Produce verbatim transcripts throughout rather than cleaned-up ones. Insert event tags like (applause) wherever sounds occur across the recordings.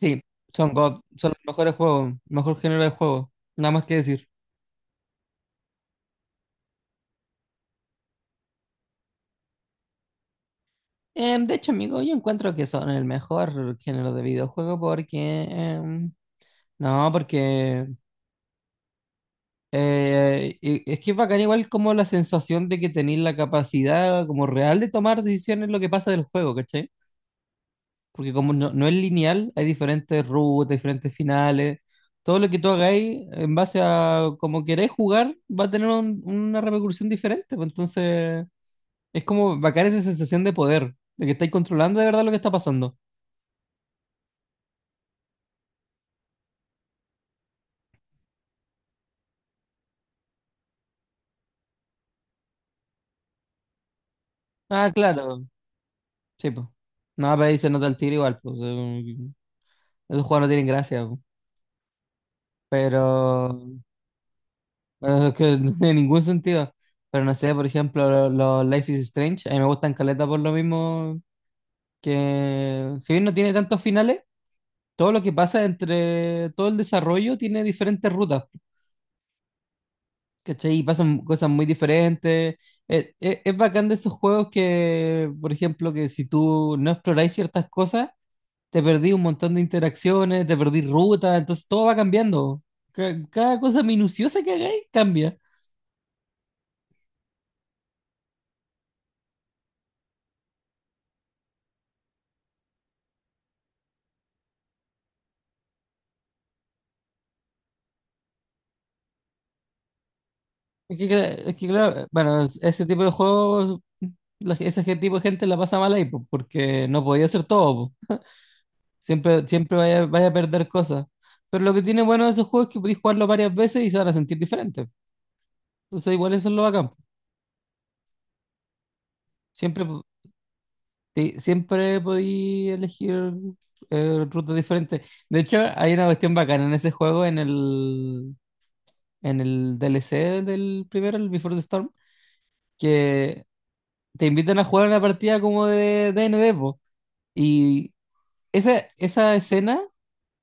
Sí, son God, son los mejores juegos, mejor género de juego, nada más que decir. Em, de hecho, amigo, yo encuentro que son el mejor género de videojuego, porque em, no, porque eh, y- es que es bacán igual como la sensación de que tenéis la capacidad como real de tomar decisiones en lo que pasa del juego, ¿cachai? Porque como no, no es lineal, hay diferentes rutas, diferentes finales. Todo lo que tú hagáis en base a como queréis jugar va a tener un- una repercusión diferente, pues. Entonces, es como bacán esa sensación de poder, de que estáis controlando de verdad lo que está pasando. Ah, claro, sí, pues. No, pero ahí se nota el tiro igual, pues. eh, Esos juegos no tienen gracia, po. Pero, pero es que (laughs) no tiene ningún sentido. Pero no sé, por ejemplo, lo- los Life is Strange, a mí me gustan caleta por lo mismo que, si bien no tiene tantos finales, todo lo que pasa entre todo el desarrollo tiene diferentes rutas. ¿Cachai? Y pasan cosas muy diferentes. Eh, eh, es bacán de esos juegos que, por ejemplo, que si tú no exploráis ciertas cosas, te perdí un montón de interacciones, te perdí ruta, entonces todo va cambiando. Ca- cada cosa minuciosa que hagáis cambia. Es que, cla- es que claro, bueno, ese tipo de juegos, la- ese gen- tipo de gente la pasa mal ahí, po, porque no podía hacer todo, po. Siempre, siempre vaya, vaya a perder cosas. Pero lo que tiene bueno de esos juegos es que podéis jugarlo varias veces y se van a sentir diferentes. Entonces igual eso es lo bacán. Siempre, po- sí, siempre podí elegir eh, rutas diferentes. De hecho, hay una cuestión bacana en ese juego, en el, en el D L C del primero, el Before the Storm, que te invitan a jugar una partida como de D y D, po. Y esa, esa escena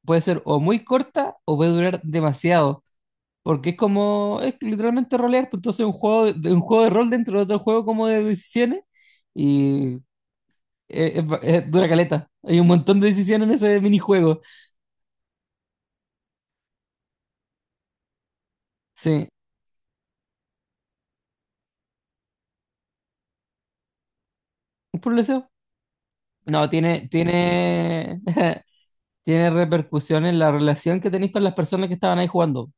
puede ser o muy corta o puede durar demasiado. Porque es como, es literalmente rolear, pues entonces un juego, de- un juego de rol dentro de otro juego como de decisiones. Y eh, es ba- es dura caleta. Hay un montón de decisiones en ese minijuego. Sí, un problema. No, tiene, tiene, (laughs) tiene repercusión en la relación que tenéis con las personas que estaban ahí jugando.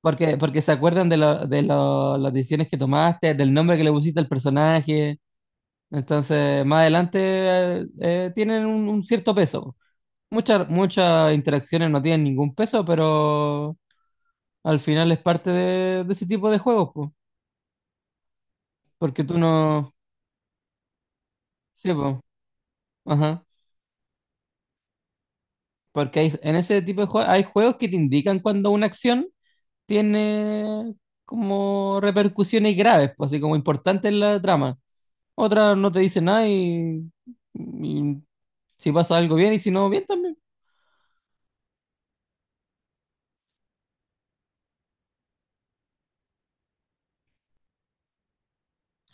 Porque, porque se acuerdan de, lo- de lo- las decisiones que tomaste, del nombre que le pusiste al personaje. Entonces, más adelante eh, eh, tienen un, un cierto peso. Muchas, muchas interacciones no tienen ningún peso, pero al final es parte de, de ese tipo de juegos, po. Porque tú no. Sí, po. Ajá. Porque hay, en ese tipo de juegos hay juegos que te indican cuando una acción tiene como repercusiones graves, pues, así como importantes en la trama. Otra no te dice nada, y, y si pasa algo, bien, y si no, bien también.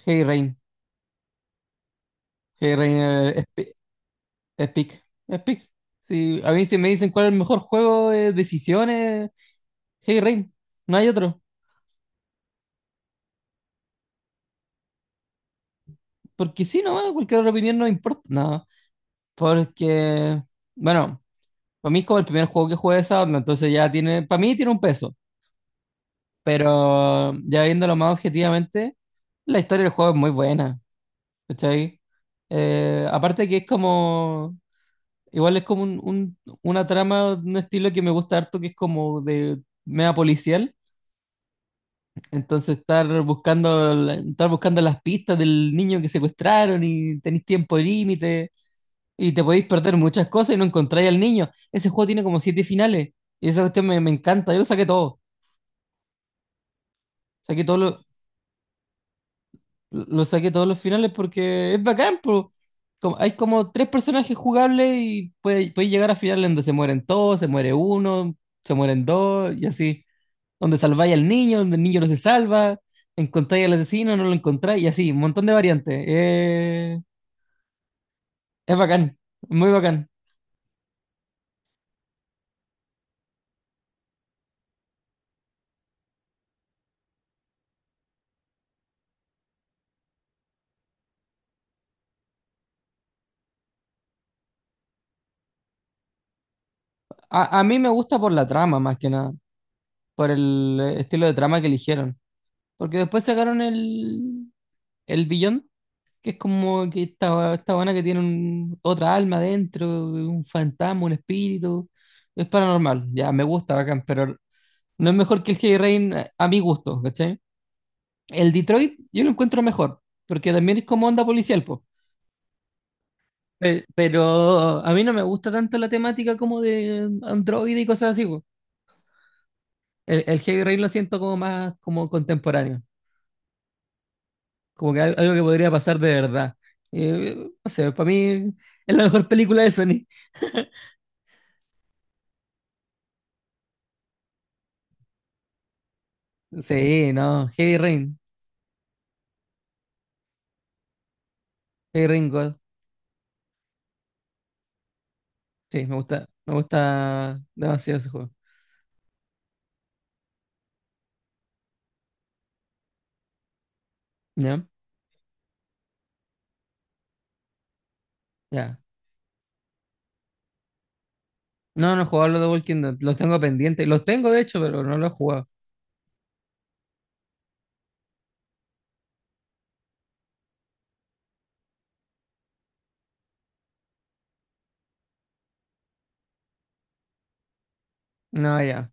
Hey Rain. Hey Rain, eh, es, pi- es pick. Es pick. Sí, a mí si me dicen cuál es el mejor juego de decisiones, Hey Rain. No hay otro. Porque si no, cualquier otra opinión no importa. No. Porque, bueno, para mí es como el primer juego que jugué de esa, entonces ya tiene, para mí tiene un peso, pero ya viéndolo más objetivamente, la historia del juego es muy buena, ¿cachai? Eh, aparte que es como, igual es como un- un- una trama, un estilo que me gusta harto, que es como de media policial, entonces estar buscando, la- estar buscando las pistas del niño que secuestraron y tenéis tiempo límite y te podéis perder muchas cosas y no encontráis al niño. Ese juego tiene como siete finales y esa cuestión me, me encanta, yo lo saqué todo. Saqué todos los, lo saqué todos los finales porque es bacán, pero como- hay como tres personajes jugables y puedes puede- puede llegar a finales donde se mueren todos, se muere uno, se mueren dos y así. Donde salváis al niño, donde el niño no se salva, encontráis al asesino, no lo encontráis y así, un montón de variantes. Eh, es bacán, muy bacán. A, a mí me gusta por la trama más que nada, por el eh, estilo de trama que eligieron. Porque después sacaron el, el Beyond, que es como que esta, esta buena que tiene un- otra alma dentro, un fantasma, un espíritu. Es paranormal. Ya, me gusta, bacán, pero no es mejor que el Heavy Rain, a, a mi gusto, ¿cachai? El Detroit yo lo encuentro mejor, porque también es como onda policial, po. Pe- Pero a mí no me gusta tanto la temática como de Android y cosas así, po. El, el Heavy Rain lo siento como más como contemporáneo, como que al- algo que podría pasar de verdad. Eh, no sé, para mí es la mejor película de Sony. Sí, no, Heavy Rain, Heavy Rain God. Sí, me gusta, me gusta demasiado ese juego. ¿Ya? Ya. No, no he jugado los de Walking Dead, los tengo pendientes. Los tengo, de hecho, pero no los he jugado. No, ya,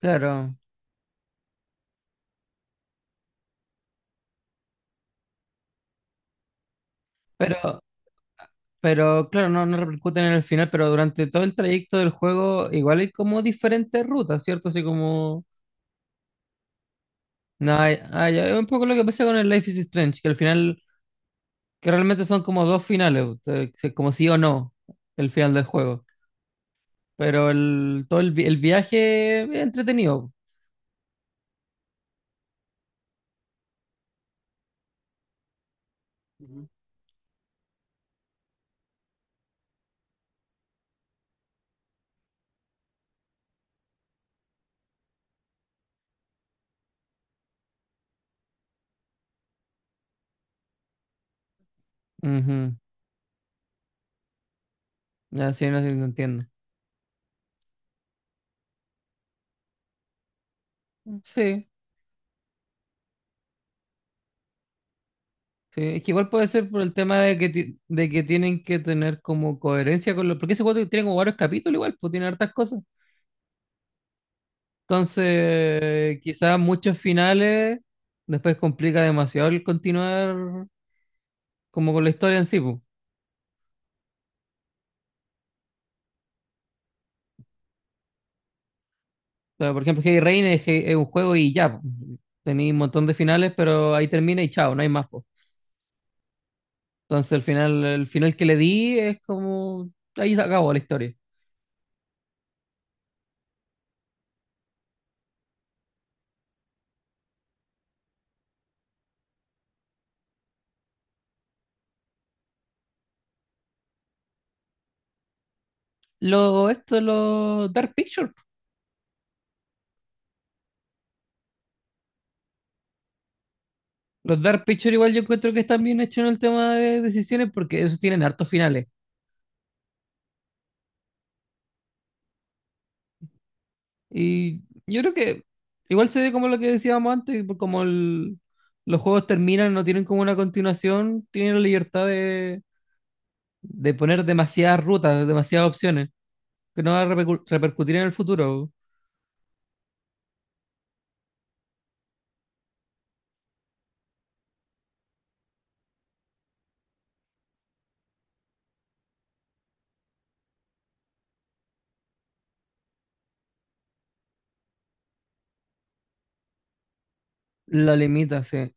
claro. Pero, pero claro, no, no repercuten en el final, pero durante todo el trayecto del juego igual hay como diferentes rutas, ¿cierto? Así como... No, hay- ah, ya, es un poco lo que pasa con el Life is Strange, que al final, que realmente son como dos finales, o sea, como sí o no, el final del juego. Pero el, todo el, vi- el viaje es entretenido. Ujú. Ya, sí, no, sí, lo entiendo. Sí, sí. Es que igual puede ser por el tema de que, ti- de que tienen que tener como coherencia con los... Porque ese juego tiene como varios capítulos igual, pues, tiene hartas cosas. Entonces, quizás muchos finales después complica demasiado el continuar como con la historia en sí, pues. O sea, por ejemplo, Heavy Rain es, es un juego y ya, pues. Tenéis un montón de finales, pero ahí termina y chao, no hay más, pues. Entonces el final, el final que le di es como, ahí se acabó la historia. Lo, esto, los Dark Pictures. Los Dark Pictures igual yo encuentro que están bien hechos en el tema de decisiones porque esos tienen hartos finales. Y yo creo que igual se ve como lo que decíamos antes, como el, los juegos terminan, no tienen como una continuación, tienen la libertad de, de poner demasiadas rutas, demasiadas opciones, que no va a repercu- repercutir en el futuro. La limita, sí.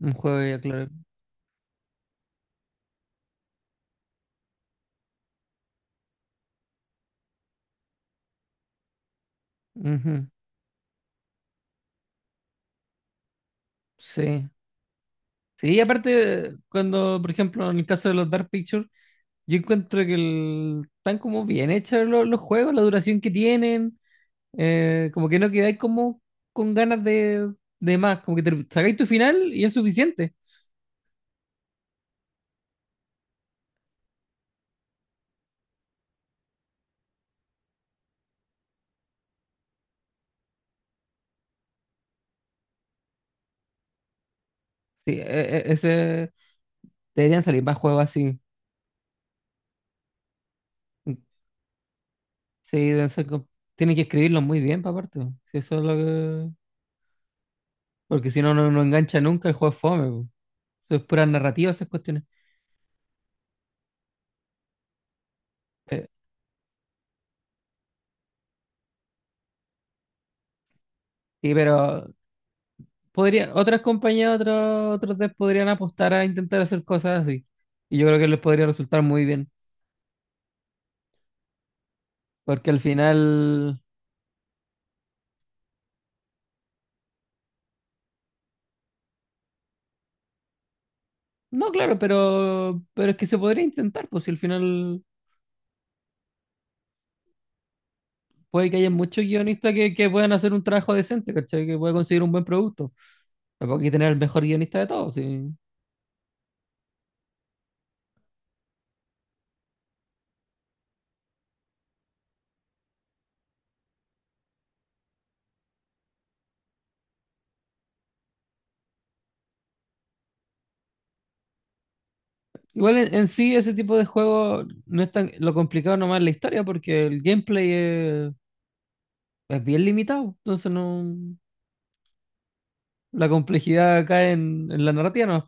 Un juego, ya, claro. Ujú. Sí. Sí, aparte, cuando, por ejemplo, en el caso de los Dark Pictures, yo encuentro que el- están como bien hechos lo- los, juegos, la duración que tienen, eh, como que no quedáis como con ganas de, de más, como que te sacáis tu final y es suficiente. Sí, e- e- ese, deberían salir más juegos así. Sí, deben ser como- tienen que escribirlos muy bien, pa' aparte, po. Sí, eso es lo que... Porque si no, no, no engancha nunca, el juego es fome, po. Eso es pura narrativa esas cuestiones. Eh, sí, pero podría, otras compañías, otros, otros devs podrían apostar a intentar hacer cosas así. Y yo creo que les podría resultar muy bien. Porque al final. No, claro, pero, pero es que se podría intentar, pues, si al final puede que haya muchos guionistas que, que puedan hacer un trabajo decente, ¿cachai? Que puedan conseguir un buen producto. Tampoco hay que tener el mejor guionista de todos, sí. Igual en, en sí ese tipo de juego no es tan lo complicado, nomás la historia, porque el gameplay es, es bien limitado. Entonces, no, la complejidad cae en, en la narrativa nomás.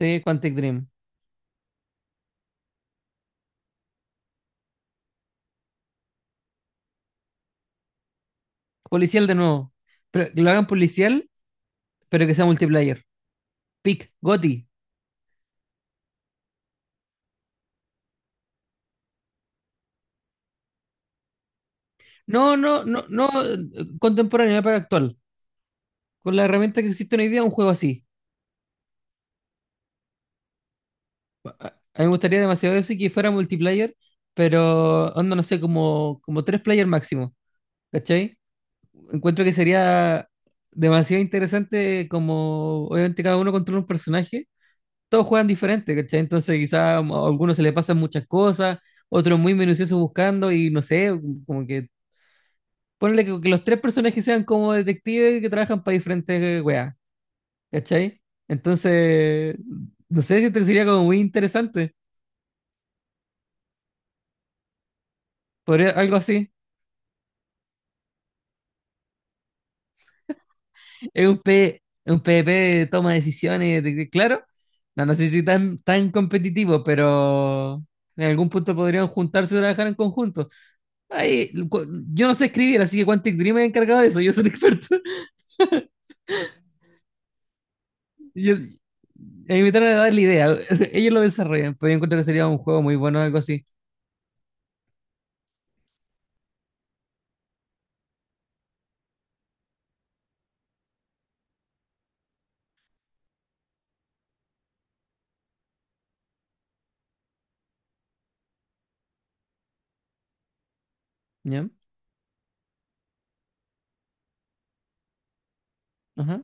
Sí, Quantic Dream. Policial de nuevo. Pero que lo hagan policial, pero que sea multiplayer. Pick Goti. No, no, no, no, eh, contemporáneo, época actual. Con la herramienta que existe hoy día, un juego así. A mí me gustaría demasiado eso y que fuera multiplayer, pero onda, no sé, como, como tres player máximo. ¿Cachai? Encuentro que sería demasiado interesante como obviamente cada uno controla un personaje, todos juegan diferente, ¿cachai? Entonces quizá a algunos se les pasan muchas cosas, otros muy minuciosos buscando, y no sé, como que ponle que, que los tres personajes sean como detectives que trabajan para diferentes eh, weas, ¿cachai? Entonces, no sé si te sería como muy interesante, podría, algo así. Es un, P, un PvP de toma de decisiones, de- de- claro, no, no sé si tan, tan competitivo, pero en algún punto podrían juntarse y trabajar en conjunto. Ay, cu- yo no sé escribir, así que Quantic Dream es encargado de eso, yo soy un experto. (laughs) Yo, a mí me trataron de dar la idea, (laughs) ellos lo desarrollan, pero yo encuentro que sería un juego muy bueno, algo así. ¿Ya? Ajá.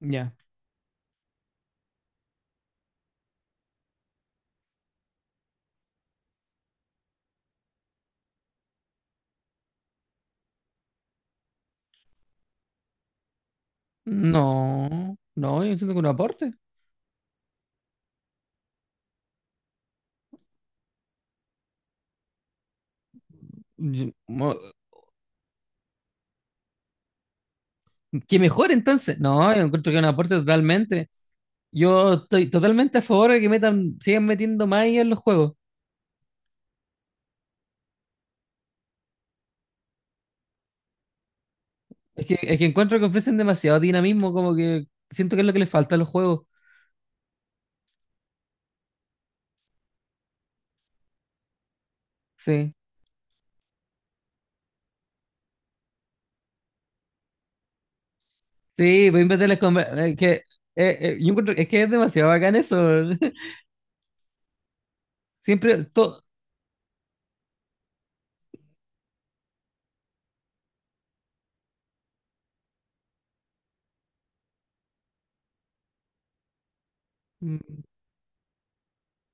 Ya. No, no, yo siento que un aporte. Yo- mo- Que mejor entonces. No, yo encuentro que es un aporte totalmente. Yo estoy totalmente a favor de que metan, sigan metiendo más I A en los juegos. Es que, es que encuentro que ofrecen demasiado dinamismo, como que siento que es lo que les falta a los juegos. Sí. Sí, voy a inventar las conver- eh, que, eh, eh, yo encuentro- es que es demasiado bacán eso. (laughs) Siempre todo.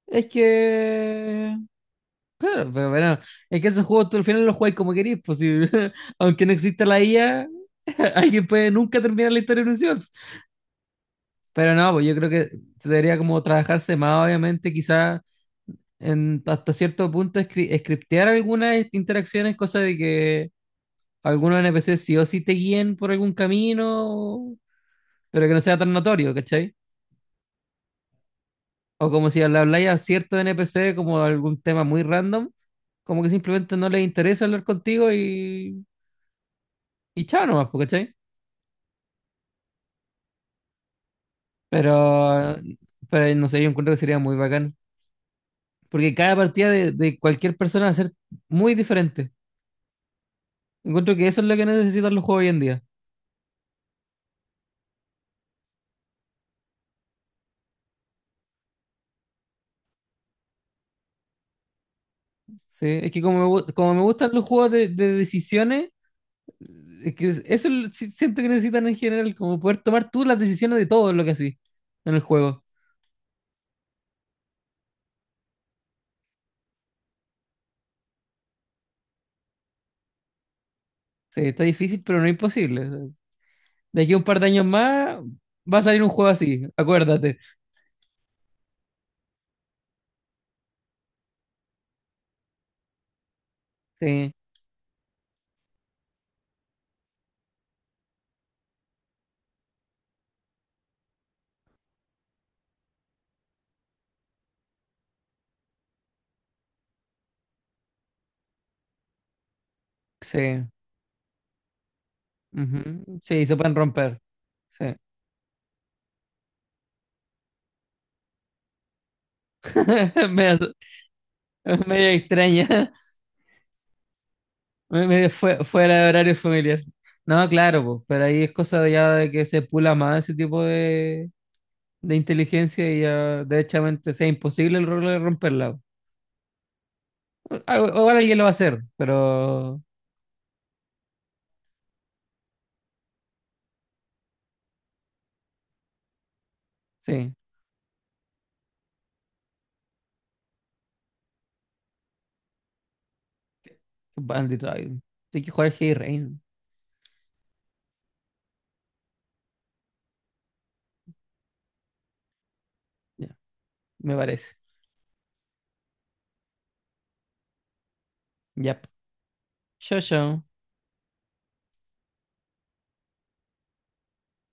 Es que. Claro, pero bueno, es que esos juegos tú al final los juegas como querís, pues, si- (laughs) aunque no exista la I A, (laughs) alguien puede nunca terminar la historia de un Sims. Pero no, pues yo creo que se debería como trabajarse más, obviamente, quizá en hasta cierto punto escri- scriptear algunas interacciones, cosa de que algunos N P Cs sí o sí te guíen por algún camino, pero que no sea tan notorio, ¿cachai? O como si le habláis a cierto N P C como algún tema muy random, como que simplemente no les interesa hablar contigo, y, y chao nomás, po, ¿cachai? Pero, pero no sé, yo encuentro que sería muy bacán. Porque cada partida de, de cualquier persona va a ser muy diferente. Encuentro que eso es lo que necesitan los juegos hoy en día. Sí, es que como me, gu- como me gustan los juegos de, de decisiones, es que eso es lo- si- siento que necesitan en general, como poder tomar tú las decisiones de todo lo que así en el juego. Sí, está difícil, pero no imposible. De aquí a un par de años más va a salir un juego así, acuérdate. Sí, sí. Ujú. Sí, se pueden romper. Sí. (laughs) Media, media extraña, me- media fue- fuera de horario familiar. No, claro, po, pero ahí es cosa de ya de que se pula más ese tipo de, de inteligencia y ya derechamente sea imposible el rol de romperla, po. Ah, ahora alguien lo va a hacer, pero sí, Bandit Island. Hay que jugar Heavy Rain, ya, me parece. Ya. Chao, chao.